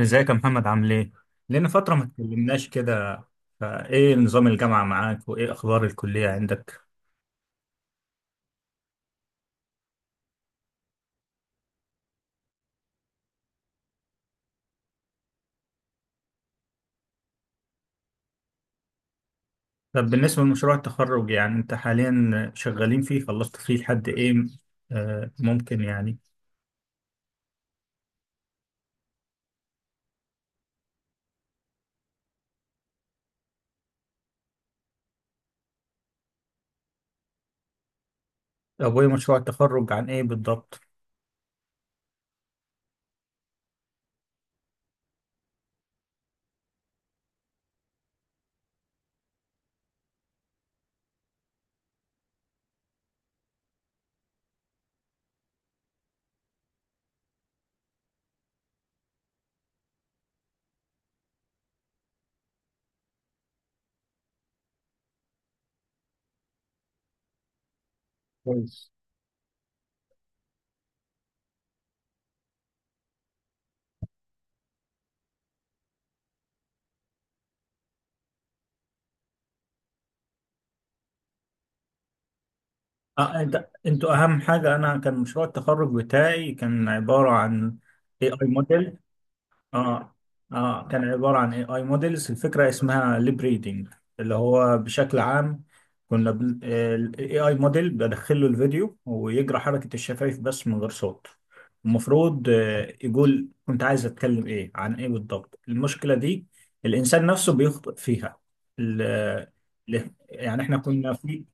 ازيك يا محمد، عامل ايه؟ لنا فترة ما اتكلمناش كده. فايه نظام الجامعة معاك، وايه اخبار الكلية عندك؟ طب بالنسبة لمشروع التخرج، يعني انت حاليا شغالين فيه، خلصت فيه لحد ايه؟ آه ممكن يعني طب وايه مشروع التخرج عن ايه بالضبط؟ كويس. انتوا اهم حاجة. انا كان مشروع التخرج بتاعي كان عبارة عن اي اي موديل. اه اه كان عبارة عن اي اي موديلز. الفكرة اسمها ليب ريدنج، اللي هو بشكل عام الاي اي موديل بدخل له الفيديو ويجرى حركة الشفايف بس من غير صوت. المفروض يقول كنت عايز اتكلم ايه، عن ايه بالضبط. المشكلة دي الانسان نفسه بيخطئ فيها. ال... يعني احنا كنا في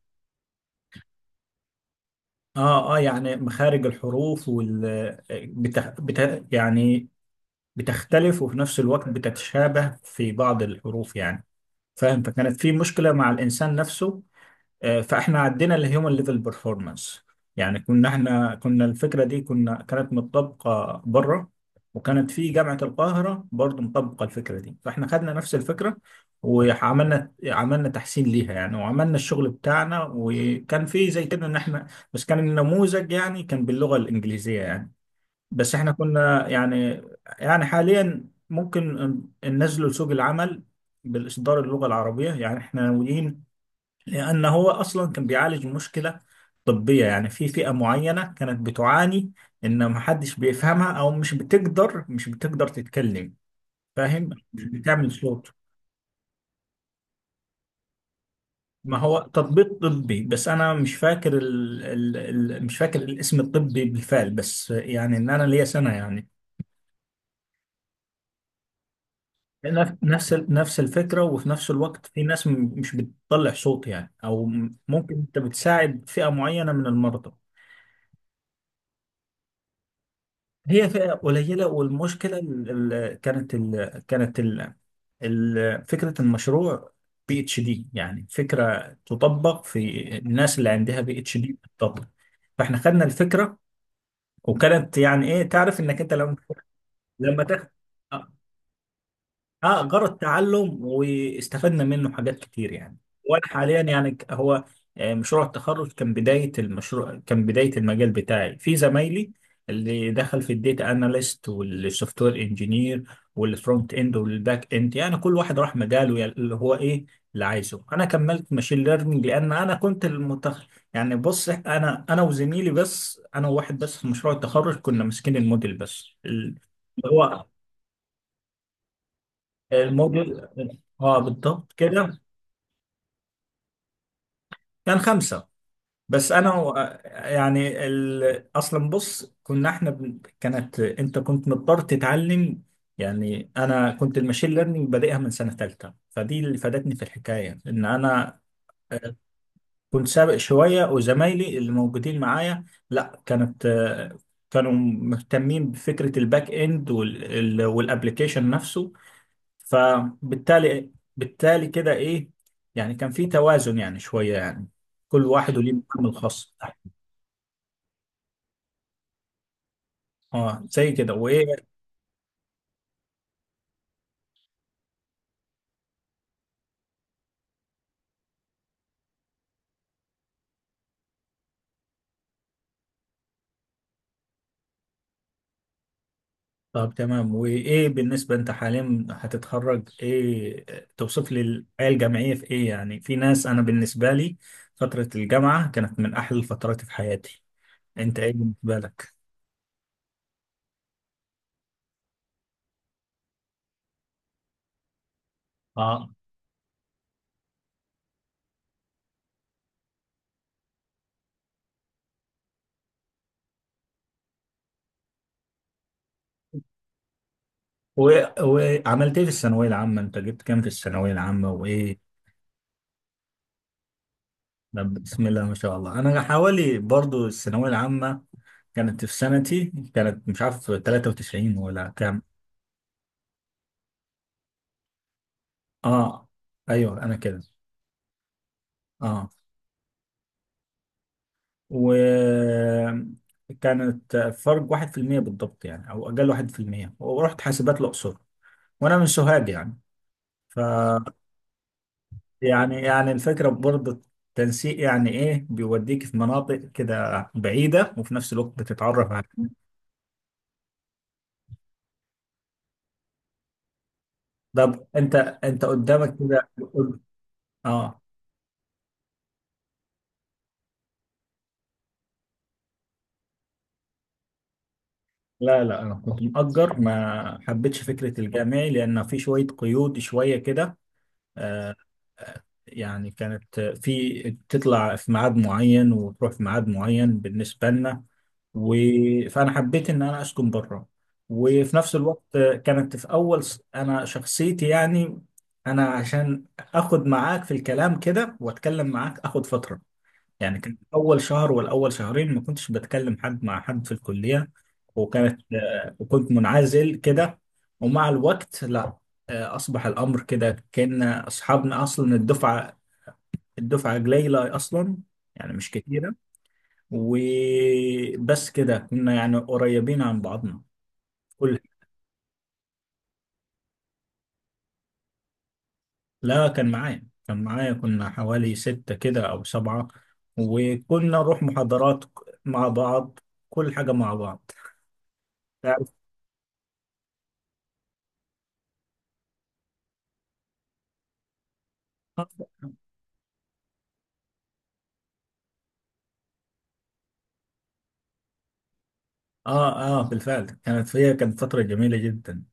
اه يعني مخارج الحروف وال يعني بتختلف، وفي نفس الوقت بتتشابه في بعض الحروف يعني، فاهم. فكانت في مشكلة مع الإنسان نفسه. فإحنا عدينا لهيومن ليفل بيرفورمانس. يعني كنا الفكرة دي كانت مطبقة بره. وكانت في جامعة القاهرة برضو مطبقة الفكرة دي. فإحنا خدنا نفس الفكرة، وعملنا تحسين ليها يعني، وعملنا الشغل بتاعنا. وكان في زي كده، إن إحنا بس كان النموذج يعني كان باللغة الإنجليزية يعني. بس احنا كنا يعني حاليا ممكن ننزله لسوق العمل بالإصدار اللغة العربية. يعني احنا ناويين، لأن هو أصلا كان بيعالج مشكلة طبية، يعني في فئة معينة كانت بتعاني إن محدش بيفهمها، أو مش بتقدر تتكلم، فاهم. مش بتعمل صوت. ما هو تطبيق طبي، بس أنا مش فاكر ال ال ال مش فاكر الاسم الطبي بالفعل. بس يعني إن أنا ليا سنة يعني. نفس الفكرة. وفي نفس الوقت في ناس مش بتطلع صوت يعني، أو ممكن أنت بتساعد فئة معينة من المرضى. هي فئة قليلة، والمشكلة ال- ال- كانت ال كانت ال ال فكرة المشروع بي اتش دي. يعني فكرة تطبق في الناس اللي عندها بي اتش دي بتطبق. فاحنا خدنا الفكرة، وكانت يعني ايه، تعرف انك انت لما تاخد، آه، اه جرى التعلم واستفدنا منه حاجات كتير يعني. وانا حاليا يعني هو، مشروع التخرج كان بدايه المشروع، كان بدايه المجال بتاعي، في زمايلي اللي دخل في الديتا اناليست والسوفت وير انجينير والفرونت اند والباك اند. يعني كل واحد راح مجاله، يعني اللي هو ايه اللي عايزه. انا كملت ماشين ليرنينج لان انا كنت يعني بص، انا وزميلي، بس انا وواحد بس في مشروع التخرج كنا ماسكين الموديل بس هو الموديل. اه بالضبط كده. كان خمسة، بس انا يعني اصلا بص، كنا كانت انت كنت مضطر تتعلم. يعني انا كنت الماشين ليرنينج بادئها من سنة ثالثة، فدي اللي فادتني في الحكاية ان انا كنت سابق شوية. وزمايلي اللي موجودين معايا لا، كانت آه، كانوا مهتمين بفكرة الباك اند والابلكيشن نفسه. فبالتالي بالتالي كده ايه، يعني كان في توازن يعني شوية يعني، كل واحد وليه مقام الخاص بتاعه. اه زي كده وايه. طب تمام، وايه بالنسبة، انت حاليا هتتخرج ايه؟ توصف لي الحياة الجامعية في ايه؟ يعني في ناس، انا بالنسبة لي فترة الجامعة كانت من احلى الفترات في حياتي. انت ايه بالنسبة لك؟ اه. و... وعملت ايه في الثانوية العامة؟ انت جبت كام في الثانوية العامة وايه؟ طب بسم الله ما شاء الله. انا حوالي برضو الثانوية العامة كانت في سنتي، كانت مش عارف 93 ولا كام. اه ايوه، انا كده. اه وكانت فرق 1% بالضبط يعني، او اقل 1%. ورحت حاسبات الاقصر، وانا من سوهاج يعني، ف، يعني الفكره برضه التنسيق. يعني ايه، بيوديك في مناطق كده بعيده، وفي نفس الوقت بتتعرف على. طب انت قدامك كده. اه لا لا، انا كنت مأجر. ما حبيتش فكرة الجامعي لان في شوية قيود شوية كده. آه، يعني كانت في، تطلع في ميعاد معين وتروح في ميعاد معين بالنسبة لنا. و... فانا حبيت ان انا اسكن بره. وفي نفس الوقت كانت في اول انا شخصيتي يعني، انا عشان اخد معاك في الكلام كده واتكلم معاك اخد فترة. يعني كان أول شهر ولا أول شهرين ما كنتش بتكلم حد مع حد في الكلية. وكانت آه، وكنت منعزل كده. ومع الوقت لا، أصبح الأمر كده، كأن أصحابنا أصلا. الدفعة قليلة أصلا، يعني مش كتيرة. وبس كده كنا يعني قريبين عن بعضنا. كل لا، كان معايا، كنا حوالي ستة كده أو سبعة، وكنا نروح محاضرات مع بعض، كل حاجة مع بعض، تعرف. اه اه، بالفعل كانت فيها، فترة جميلة جدا.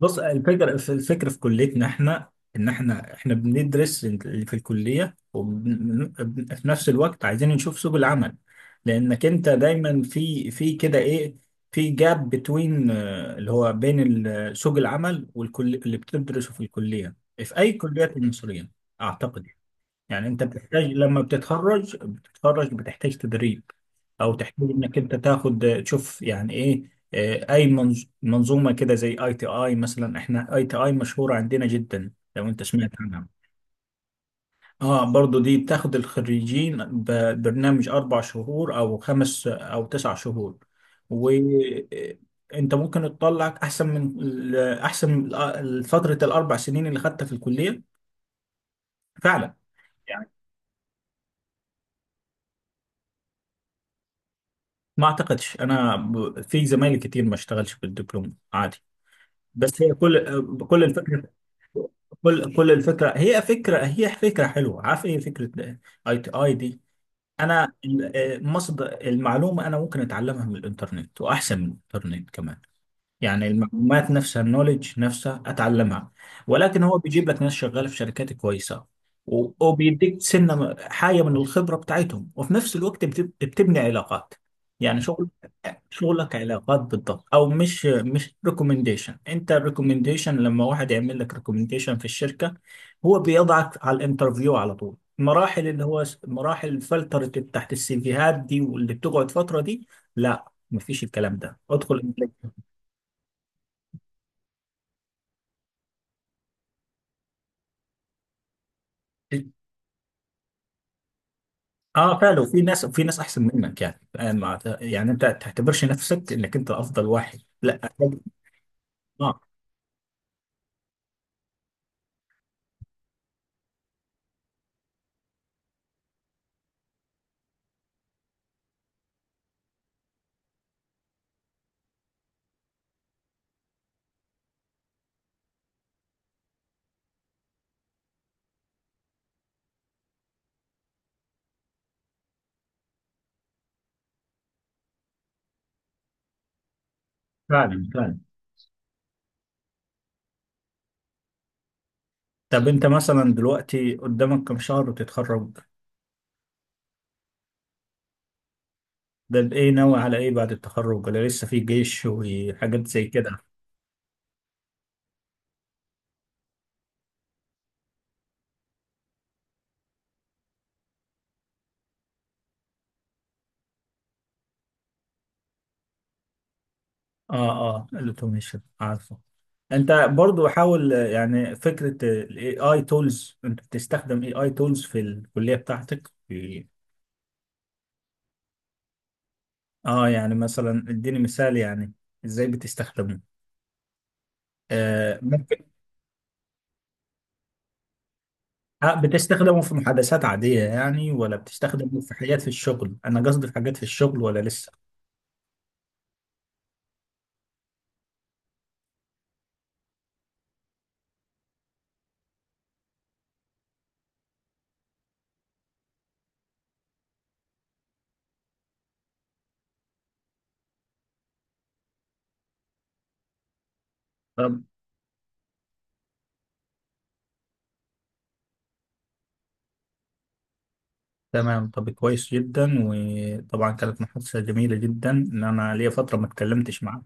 بص، الفكرة في، كليتنا احنا، ان احنا بندرس اللي في الكلية، وفي نفس الوقت عايزين نشوف سوق العمل. لانك انت دايما في كده ايه، في جاب بتوين، اللي هو بين سوق العمل والكل اللي بتدرسه في الكلية، في اي كليات المصرية اعتقد. يعني انت بتحتاج، لما بتتخرج بتحتاج تدريب، او تحتاج انك انت تاخد تشوف يعني ايه، اي منظومه كده، زي اي تي اي مثلا. احنا اي تي اي مشهوره عندنا جدا لو انت سمعت عنها. اه برضو دي بتاخد الخريجين ببرنامج 4 شهور او خمس او 9 شهور. وانت ممكن تطلع احسن من فتره الاربع سنين اللي خدتها في الكليه فعلا. ما اعتقدش انا في زمايلي كتير ما اشتغلش بالدبلوم عادي. بس هي كل الفكره كل الفكره، هي فكره حلوه. عارف ايه فكره اي تي اي دي؟ انا مصدر المعلومه انا ممكن اتعلمها من الانترنت، واحسن من الانترنت كمان. يعني المعلومات نفسها، النولج نفسها اتعلمها. ولكن هو بيجيب لك ناس شغاله في شركات كويسه، وبيديك سنه حاجه من الخبره بتاعتهم. وفي نفس الوقت بتبني علاقات، يعني شغلك علاقات بالضبط. او مش ريكومنديشن. انت الريكومنديشن لما واحد يعمل لك ريكومنديشن في الشركه، هو بيضعك على الانترفيو على طول. المراحل اللي هو مراحل فلترة تحت السيفيهات دي، واللي بتقعد فتره دي، لا مفيش الكلام ده. ادخل. اه فعلا. وفي ناس، في ناس احسن منك يعني، ما يعني انت تعتبرش نفسك انك انت افضل واحد، لا. اه فعلا فعلا. طب انت مثلا دلوقتي قدامك كم شهر وتتخرج؟ ده بإيه، ناوي على إيه بعد التخرج، ولا لسه في جيش وحاجات زي كده؟ الأوتوميشن عارفه. أنت برضو حاول، يعني فكرة ال AI tools، أنت بتستخدم AI tools في الكلية بتاعتك في، يعني مثلا إديني مثال، يعني إزاي بتستخدمه؟ آه ممكن بتستخدمه في محادثات عادية يعني، ولا بتستخدمه في حاجات في الشغل؟ أنا قصدي في حاجات في الشغل، ولا لسه. تمام، طب كويس جدا. وطبعا كانت محادثة جميلة جدا، ان انا ليا فترة ما اتكلمتش معاك.